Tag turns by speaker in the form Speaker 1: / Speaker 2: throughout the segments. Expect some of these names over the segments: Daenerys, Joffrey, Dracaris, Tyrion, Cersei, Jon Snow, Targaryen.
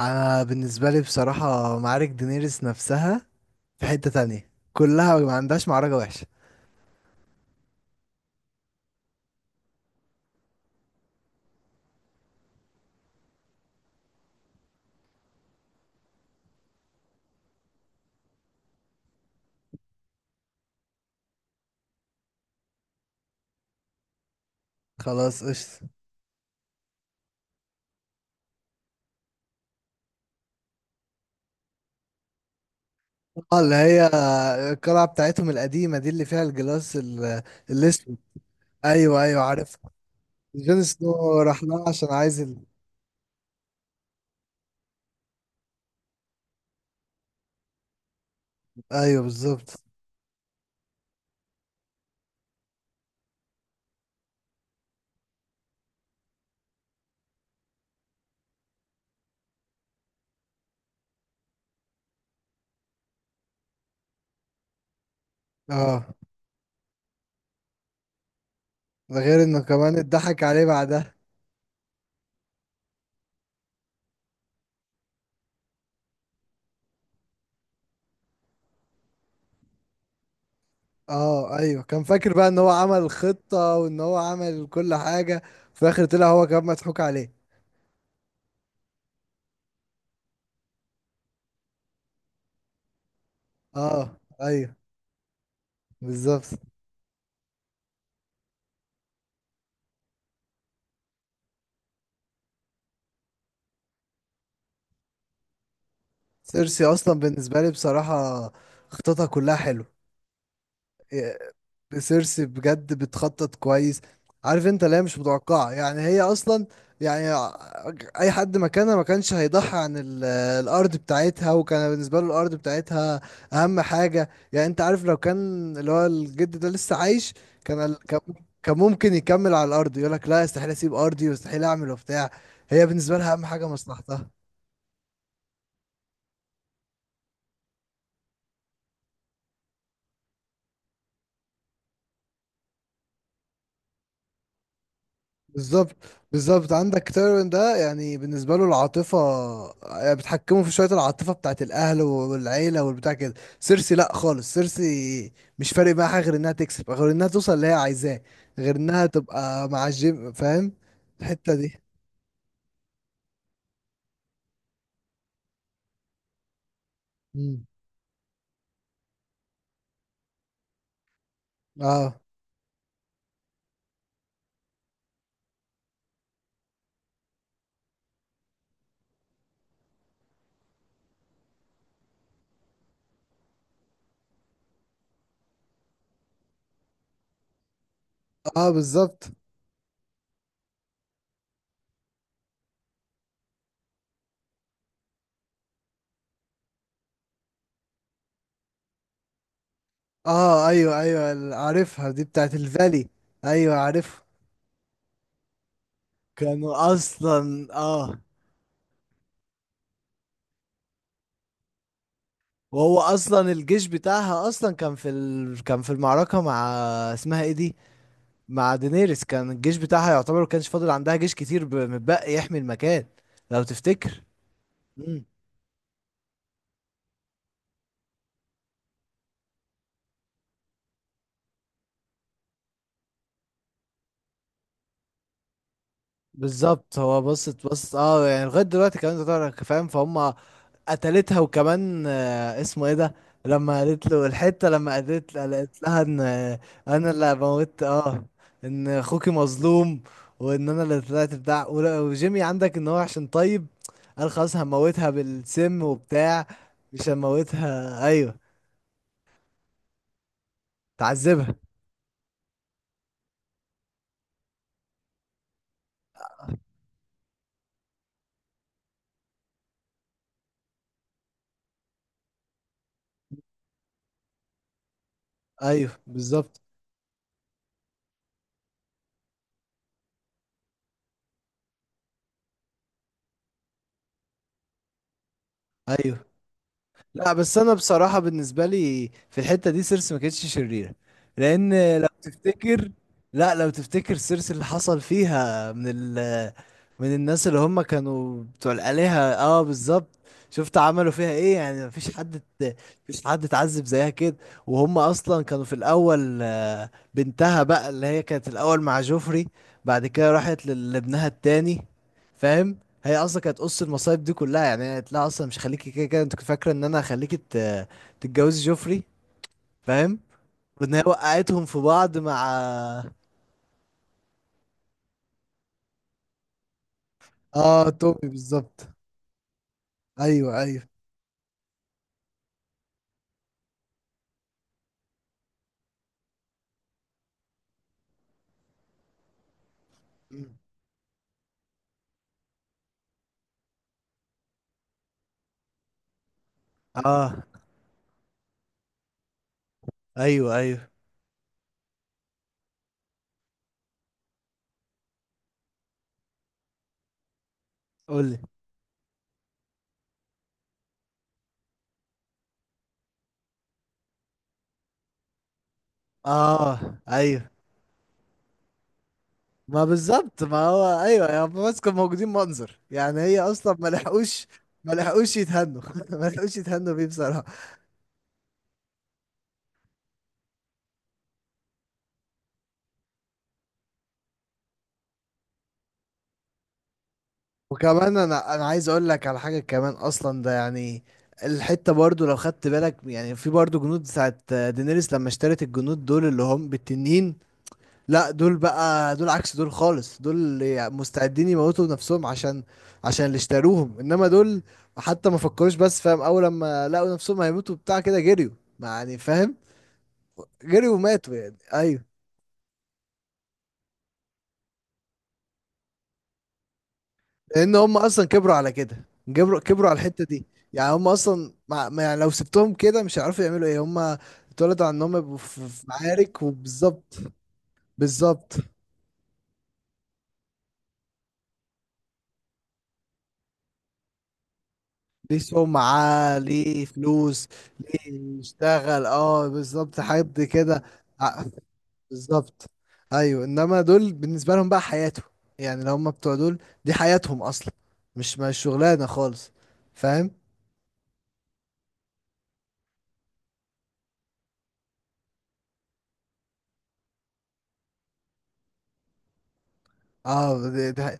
Speaker 1: انا بالنسبه لي بصراحه معارك دينيريس نفسها في حته تانية كلها ما عندهاش معركه وحشه. خلاص قشطه. اه، اللي هي القلعه بتاعتهم القديمه دي اللي فيها الجلاس الاسود. ايوه ايوه عارف. جون سنو راح لها عشان عايز ايوه بالظبط. اه، ده غير انه كمان اتضحك عليه بعدها. اه ايوه، كان فاكر بقى ان هو عمل خطه وان هو عمل كل حاجه. في الاخر طلع هو كمان مضحوك عليه. اه ايوه بالظبط. سيرسي اصلا بالنسبه لي بصراحه خططها كلها حلو. إيه، سيرسي بجد بتخطط كويس. عارف انت، لا مش متوقعه، يعني هي اصلا. يعني اي حد مكانها ما كانش هيضحي عن الارض بتاعتها، وكان بالنسبه له الارض بتاعتها اهم حاجه. يعني انت عارف، لو كان اللي هو الجد ده لسه عايش كان كان ممكن يكمل على الارض يقول لك لا استحيل اسيب ارضي واستحيل اعمل وبتاع. هي بالنسبه لها اهم حاجه مصلحتها. بالظبط بالظبط. عندك تيرون ده، يعني بالنسبه له العاطفه، يعني بتحكمه في شويه العاطفه بتاعت الاهل والعيله والبتاع كده. سيرسي لا خالص، سيرسي مش فارق معاها غير انها تكسب، غير انها توصل اللي هي عايزاه، غير انها تبقى مع الجيم، فاهم. الحته دي. مم. اه اه بالظبط. اه ايوه ايوه عارفها، دي بتاعت الفالي. ايوه عارفها. كانوا اصلا اه. وهو اصلا الجيش بتاعها اصلا كان في المعركه مع، اسمها ايه دي، مع دينيريس. كان الجيش بتاعها يعتبر ما كانش فاضل عندها جيش كتير متبقي يحمي المكان لو تفتكر. مم. بالظبط، هو بصت بص اه، يعني لغايه دلوقتي كمان انت تعرف، فاهم فهم. قتلتها وكمان اسمه ايه ده. لما قالت له الحتة، لما قالت لها ان انا اللي موت اه ان اخوكي مظلوم. وان انا اللي طلعت بتاع وجيمي عندك ان هو عشان طيب. قال خلاص هموتها بالسم وبتاع. مش هموتها ايوه. تعذبها. ايوه بالظبط ايوه. لا بس انا بصراحه بالنسبه لي في الحته دي سيرس ما كانتش شريره، لان. لو تفتكر، لا لو تفتكر، سيرس اللي حصل فيها من الناس اللي هم كانوا بتوع الآلهة. اه بالظبط. شفت عملوا فيها ايه؟ يعني ات- مفيش حد اتعذب زيها كده. وهم اصلا كانوا في الاول، بنتها بقى اللي هي كانت الاول مع جوفري. بعد كده راحت لابنها التاني، فاهم. هي اصلا كانت قص المصايب دي كلها، يعني هي لا اصلا مش هخليكي كده كده، انت كنت فاكره ان انا هخليكي تتجوزي جوفري، فاهم. وان هي وقعتهم في بعض مع. اه تومي بالظبط. ايوه ايوه. اه ايوه ايوه. قولي. اه ايوه. ما بالظبط، ما هو ايوه يا بس كانوا موجودين منظر، يعني هي اصلا ما لحقوش. ما لحقوش يتهنوا ما لحقوش يتهنوا بيه بصراحه. وكمان انا عايز اقول لك على حاجه كمان اصلا ده يعني. الحته برضو لو خدت بالك، يعني في برضو جنود بتاعت دينيريس لما اشترت الجنود دول اللي هم بالتنين. لا دول بقى دول عكس دول خالص، دول يعني مستعدين يموتوا نفسهم عشان اللي اشتروهم. انما دول حتى ما فكروش، بس فاهم، اول لما لقوا نفسهم هيموتوا بتاع كده جريوا. ما يعني فاهم. جريوا وماتوا يعني ايوه. لان هم اصلا كبروا على كده، كبروا كبروا على الحته دي. يعني هم اصلا ما يعني لو سبتهم كده مش هيعرفوا يعملوا ايه هم. اتولدوا على انهم يبقوا في معارك وبالظبط. بالظبط، ليه سمعه، ليه فلوس، ليه يشتغل، اه بالظبط حد كده. ع- بالظبط. ايوه انما دول بالنسبه لهم بقى حياته، يعني اللي هم بتوع دول دي حياتهم اصلا، مش شغلانه خالص، فاهم. اه دي.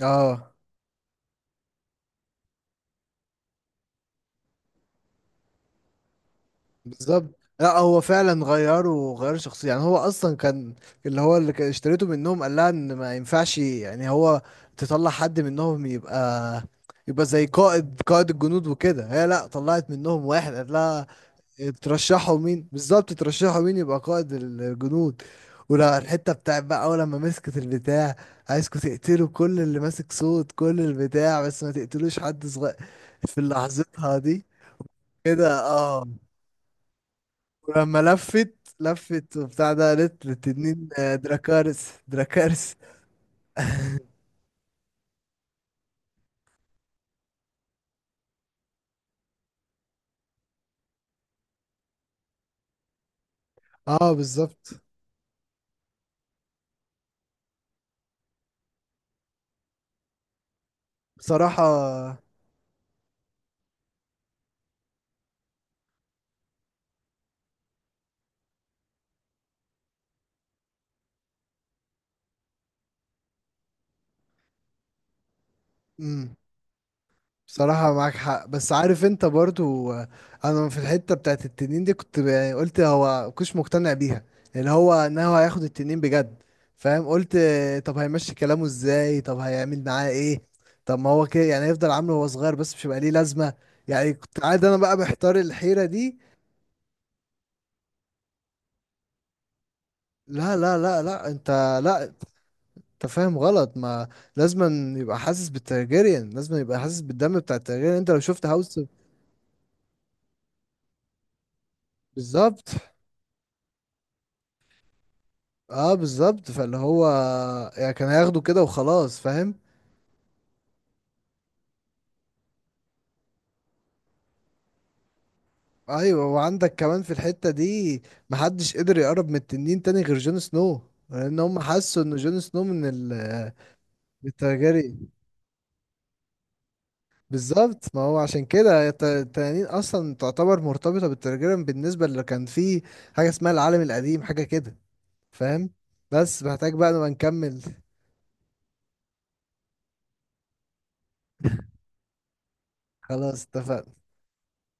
Speaker 1: اه بالظبط. لا هو فعلا غيروا غيروا شخصية، يعني هو اصلا كان اللي هو اللي كان اشتريته منهم قال لها ان ما ينفعش، يعني هو تطلع حد منهم يبقى زي قائد الجنود وكده. هي لا طلعت منهم واحد قال لها. ترشحوا مين بالظبط؟ ترشحوا مين يبقى قائد الجنود؟ ولا الحتة بتاعت بقى اول لما مسكت البتاع، عايزكوا تقتلوا كل اللي ماسك صوت كل البتاع، بس ما تقتلوش حد صغير، في لحظتها دي. كده اه. ولما لفت لفت وبتاع ده، قالت للتنين دراكارس دراكارس. اه بالظبط. بصراحة. امم. بصراحة معاك حق، بس عارف انت برضو انا في الحتة بتاعت التنين دي كنت يعني قلت هو كنتش مقتنع بيها، اللي هو ان هو هياخد التنين بجد، فاهم. قلت طب هيمشي كلامه ازاي، طب هيعمل معاه ايه، طب ما هو كده يعني هيفضل عامله وهو صغير، بس مش هيبقى ليه لازمة. يعني كنت قاعد انا بقى محتار الحيرة دي. لا لا لا لا انت. لا انت فاهم غلط، ما لازم يبقى حاسس بالترجيريان، لازم يبقى حاسس بالدم بتاع الترجيريان. انت لو شفت هاوس بالظبط. اه بالظبط، فاللي هو يعني كان هياخده كده وخلاص، فاهم. ايوه وعندك كمان في الحتة دي محدش قدر يقرب من التنين تاني غير جون سنو. لان هم حسوا ان جون سنو من الترجيريان. بالظبط، ما هو عشان كده التنانين اصلا تعتبر مرتبطة بالترجيريان بالنسبة اللي كان فيه حاجة اسمها العالم القديم حاجة كده، فاهم. بس محتاج بقى نبقى نكمل. خلاص اتفقنا.